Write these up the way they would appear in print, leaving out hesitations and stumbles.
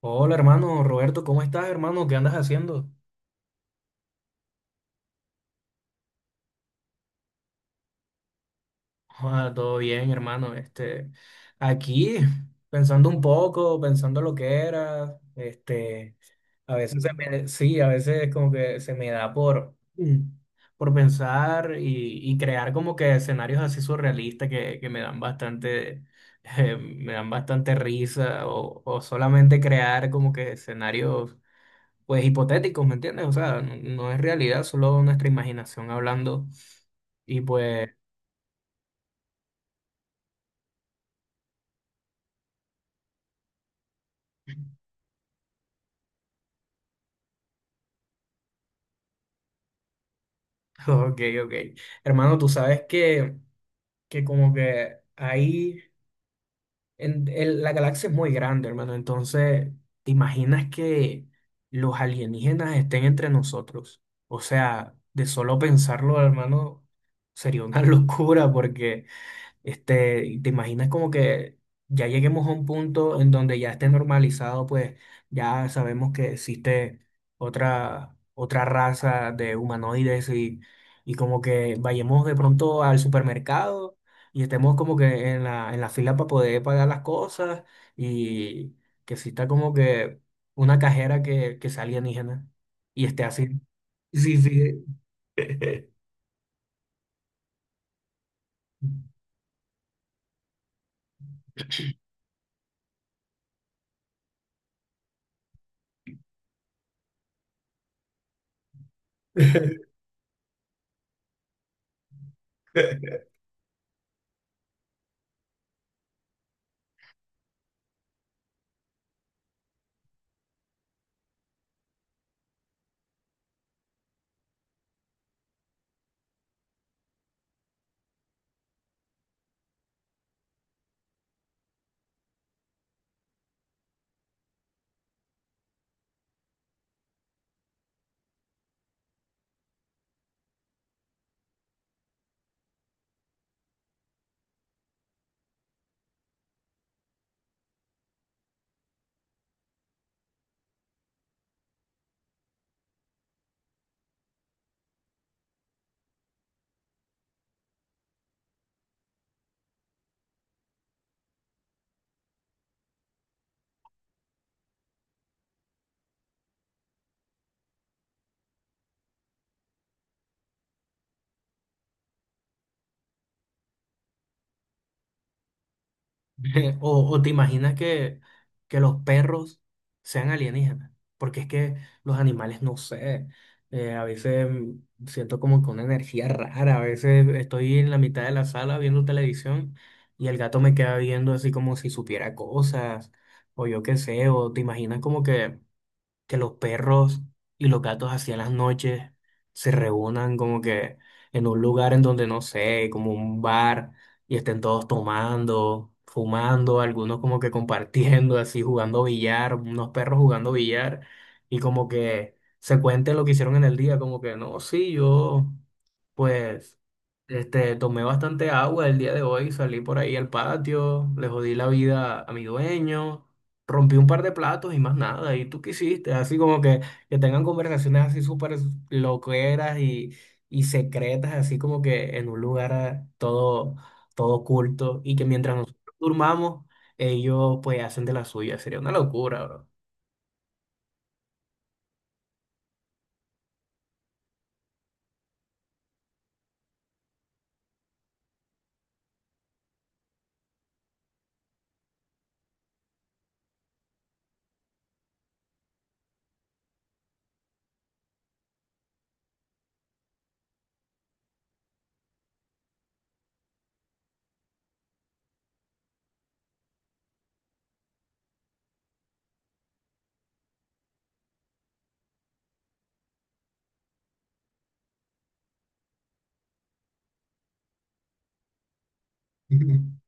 Hola hermano Roberto, ¿cómo estás hermano? ¿Qué andas haciendo? Ah, todo bien hermano, este, aquí pensando un poco, pensando lo que era, este, a veces se me, sí, a veces como que se me da por, por pensar y crear como que escenarios así surrealistas que me dan bastante, me dan bastante risa o solamente crear como que escenarios pues hipotéticos, ¿me entiendes? O sea, no, no es realidad, solo nuestra imaginación hablando. Y pues, ok, ok. Hermano, tú sabes que, como que ahí, la galaxia es muy grande, hermano. Entonces, ¿te imaginas que los alienígenas estén entre nosotros? O sea, de solo pensarlo, hermano, sería una locura porque... Este, y te imaginas como que ya lleguemos a un punto en donde ya esté normalizado, pues ya sabemos que existe otra raza de humanoides y como que vayamos de pronto al supermercado y estemos como que en la fila para poder pagar las cosas y que exista como que una cajera que sea alienígena y esté así. Sí, sí. O te imaginas que, los perros sean alienígenas, porque es que los animales, no sé, a veces siento como que una energía rara, a veces estoy en la mitad de la sala viendo televisión y el gato me queda viendo así como si supiera cosas, o yo qué sé, o te imaginas como que los perros y los gatos así en las noches se reúnan como que en un lugar en donde no sé, como un bar, y estén todos tomando, fumando, algunos como que compartiendo, así jugando billar, unos perros jugando billar, y como que se cuente lo que hicieron en el día, como que no, sí, yo pues este, tomé bastante agua el día de hoy, salí por ahí al patio, le jodí la vida a mi dueño, rompí un par de platos y más nada. ¿Y tú qué hiciste? Así como que, tengan conversaciones así súper loqueras y secretas, así como que en un lugar todo oculto y que mientras nosotros durmamos, ellos pues hacen de la suya. Sería una locura, bro.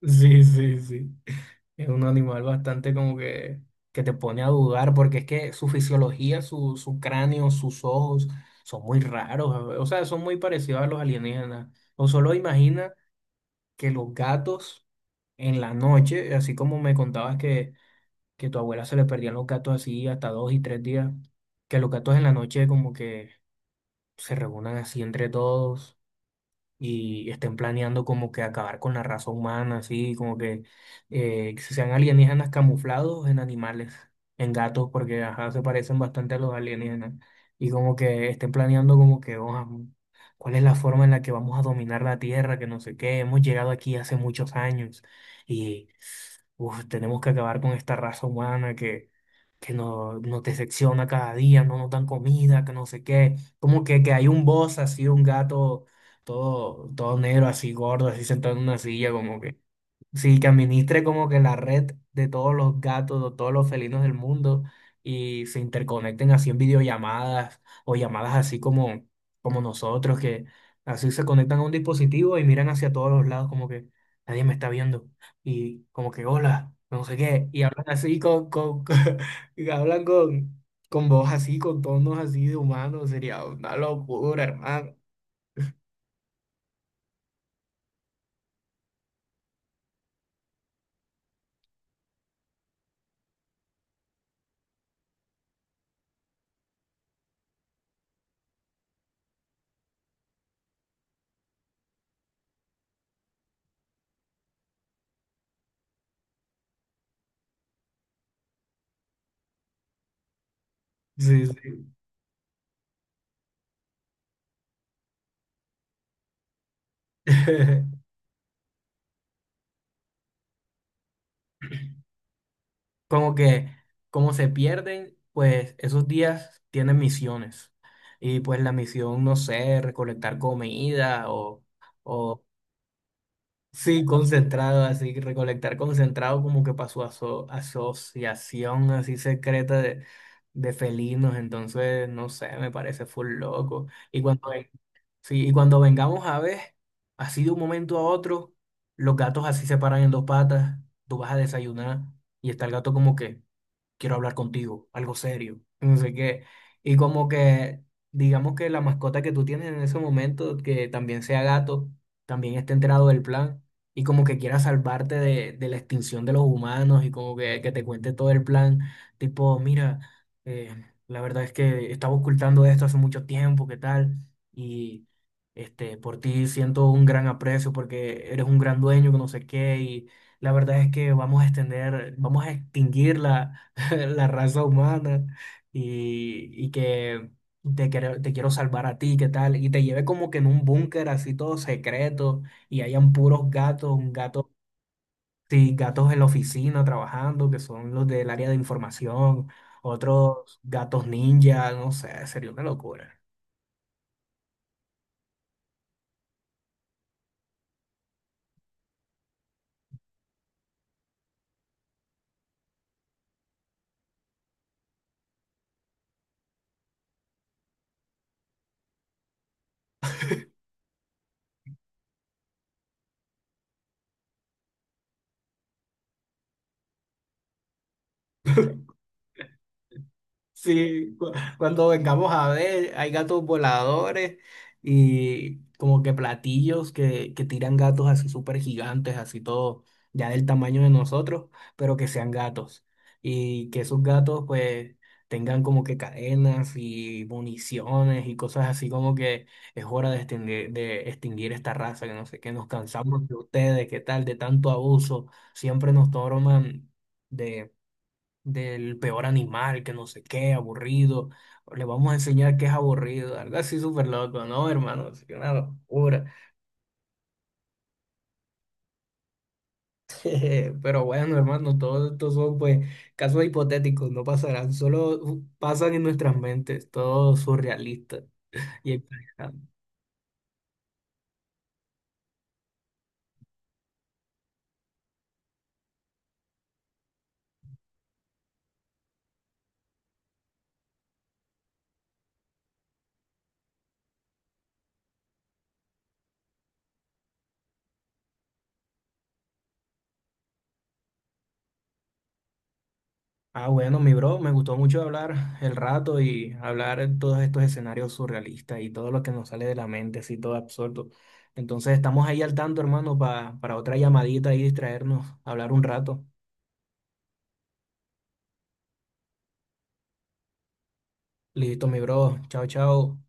Sí, sí, sí. Es un animal bastante como que, te pone a dudar, porque es que su fisiología, su cráneo, sus ojos son muy raros, o sea, son muy parecidos a los alienígenas. O solo imagina que los gatos en la noche, así como me contabas que, tu abuela se le perdían los gatos así hasta dos y tres días, que los gatos en la noche como que se reúnan así entre todos y estén planeando como que acabar con la raza humana, así como que sean alienígenas camuflados en animales, en gatos, porque ajá, se parecen bastante a los alienígenas, y como que estén planeando como que, "Oh, ¿cuál es la forma en la que vamos a dominar la Tierra? Que no sé qué, hemos llegado aquí hace muchos años. Y uf, tenemos que acabar con esta raza humana que nos decepciona cada día, no nos dan comida, que no sé qué. Como que, hay un boss así, un gato todo negro, así gordo, así sentado en una silla, como que... Sí, que administre como que la red de todos los gatos, de todos los felinos del mundo y se interconecten así en videollamadas o llamadas así como nosotros, que así se conectan a un dispositivo y miran hacia todos los lados como que nadie me está viendo y como que hola, no sé qué, y hablan así y hablan con voz así, con tonos así de humanos, sería una locura, hermano. Sí, sí. Como que como se pierden, pues esos días tienen misiones. Y pues la misión, no sé, recolectar comida o sí, concentrado, así, recolectar concentrado como que para su asociación así secreta de felinos. Entonces, no sé, me parece full loco. Y sí, y cuando vengamos a ver, así de un momento a otro, los gatos así se paran en dos patas, tú vas a desayunar y está el gato como que quiero hablar contigo, algo serio, no sé qué. Y como que, digamos que la mascota que tú tienes en ese momento, que también sea gato, también esté enterado del plan y como que quiera salvarte de la extinción de los humanos y como que, te cuente todo el plan, tipo, mira, eh, la verdad es que estaba ocultando esto hace mucho tiempo, ¿qué tal? Y... Este, por ti siento un gran aprecio porque eres un gran dueño, que no sé qué, y la verdad es que vamos a extinguir la raza humana y que te quiero salvar a ti, ¿qué tal? Y te lleve como que en un búnker así todo secreto y hayan puros gatos, un gato, sí, gatos en la oficina trabajando, que son los del área de información, otros gatos ninja, no sé, sería una locura. Sí, cuando vengamos a ver, hay gatos voladores y como que platillos que tiran gatos así súper gigantes, así todo, ya del tamaño de nosotros, pero que sean gatos. Y que esos gatos pues tengan como que cadenas y municiones y cosas así como que es hora de extinguir esta raza, que no sé, que nos cansamos de ustedes, qué tal, de tanto abuso, siempre nos toman del peor animal, que no sé qué, aburrido, le vamos a enseñar que es aburrido, algo así súper loco, ¿no, hermano? Es una locura. Jeje, pero bueno, hermano, todos estos son pues casos hipotéticos, no pasarán, solo pasan en nuestras mentes, todo surrealista y exagerado. Ah, bueno, mi bro, me gustó mucho hablar el rato y hablar en todos estos escenarios surrealistas y todo lo que nos sale de la mente, así todo absurdo. Entonces estamos ahí al tanto, hermano, para otra llamadita y distraernos, hablar un rato. Listo, mi bro. Chao, chao.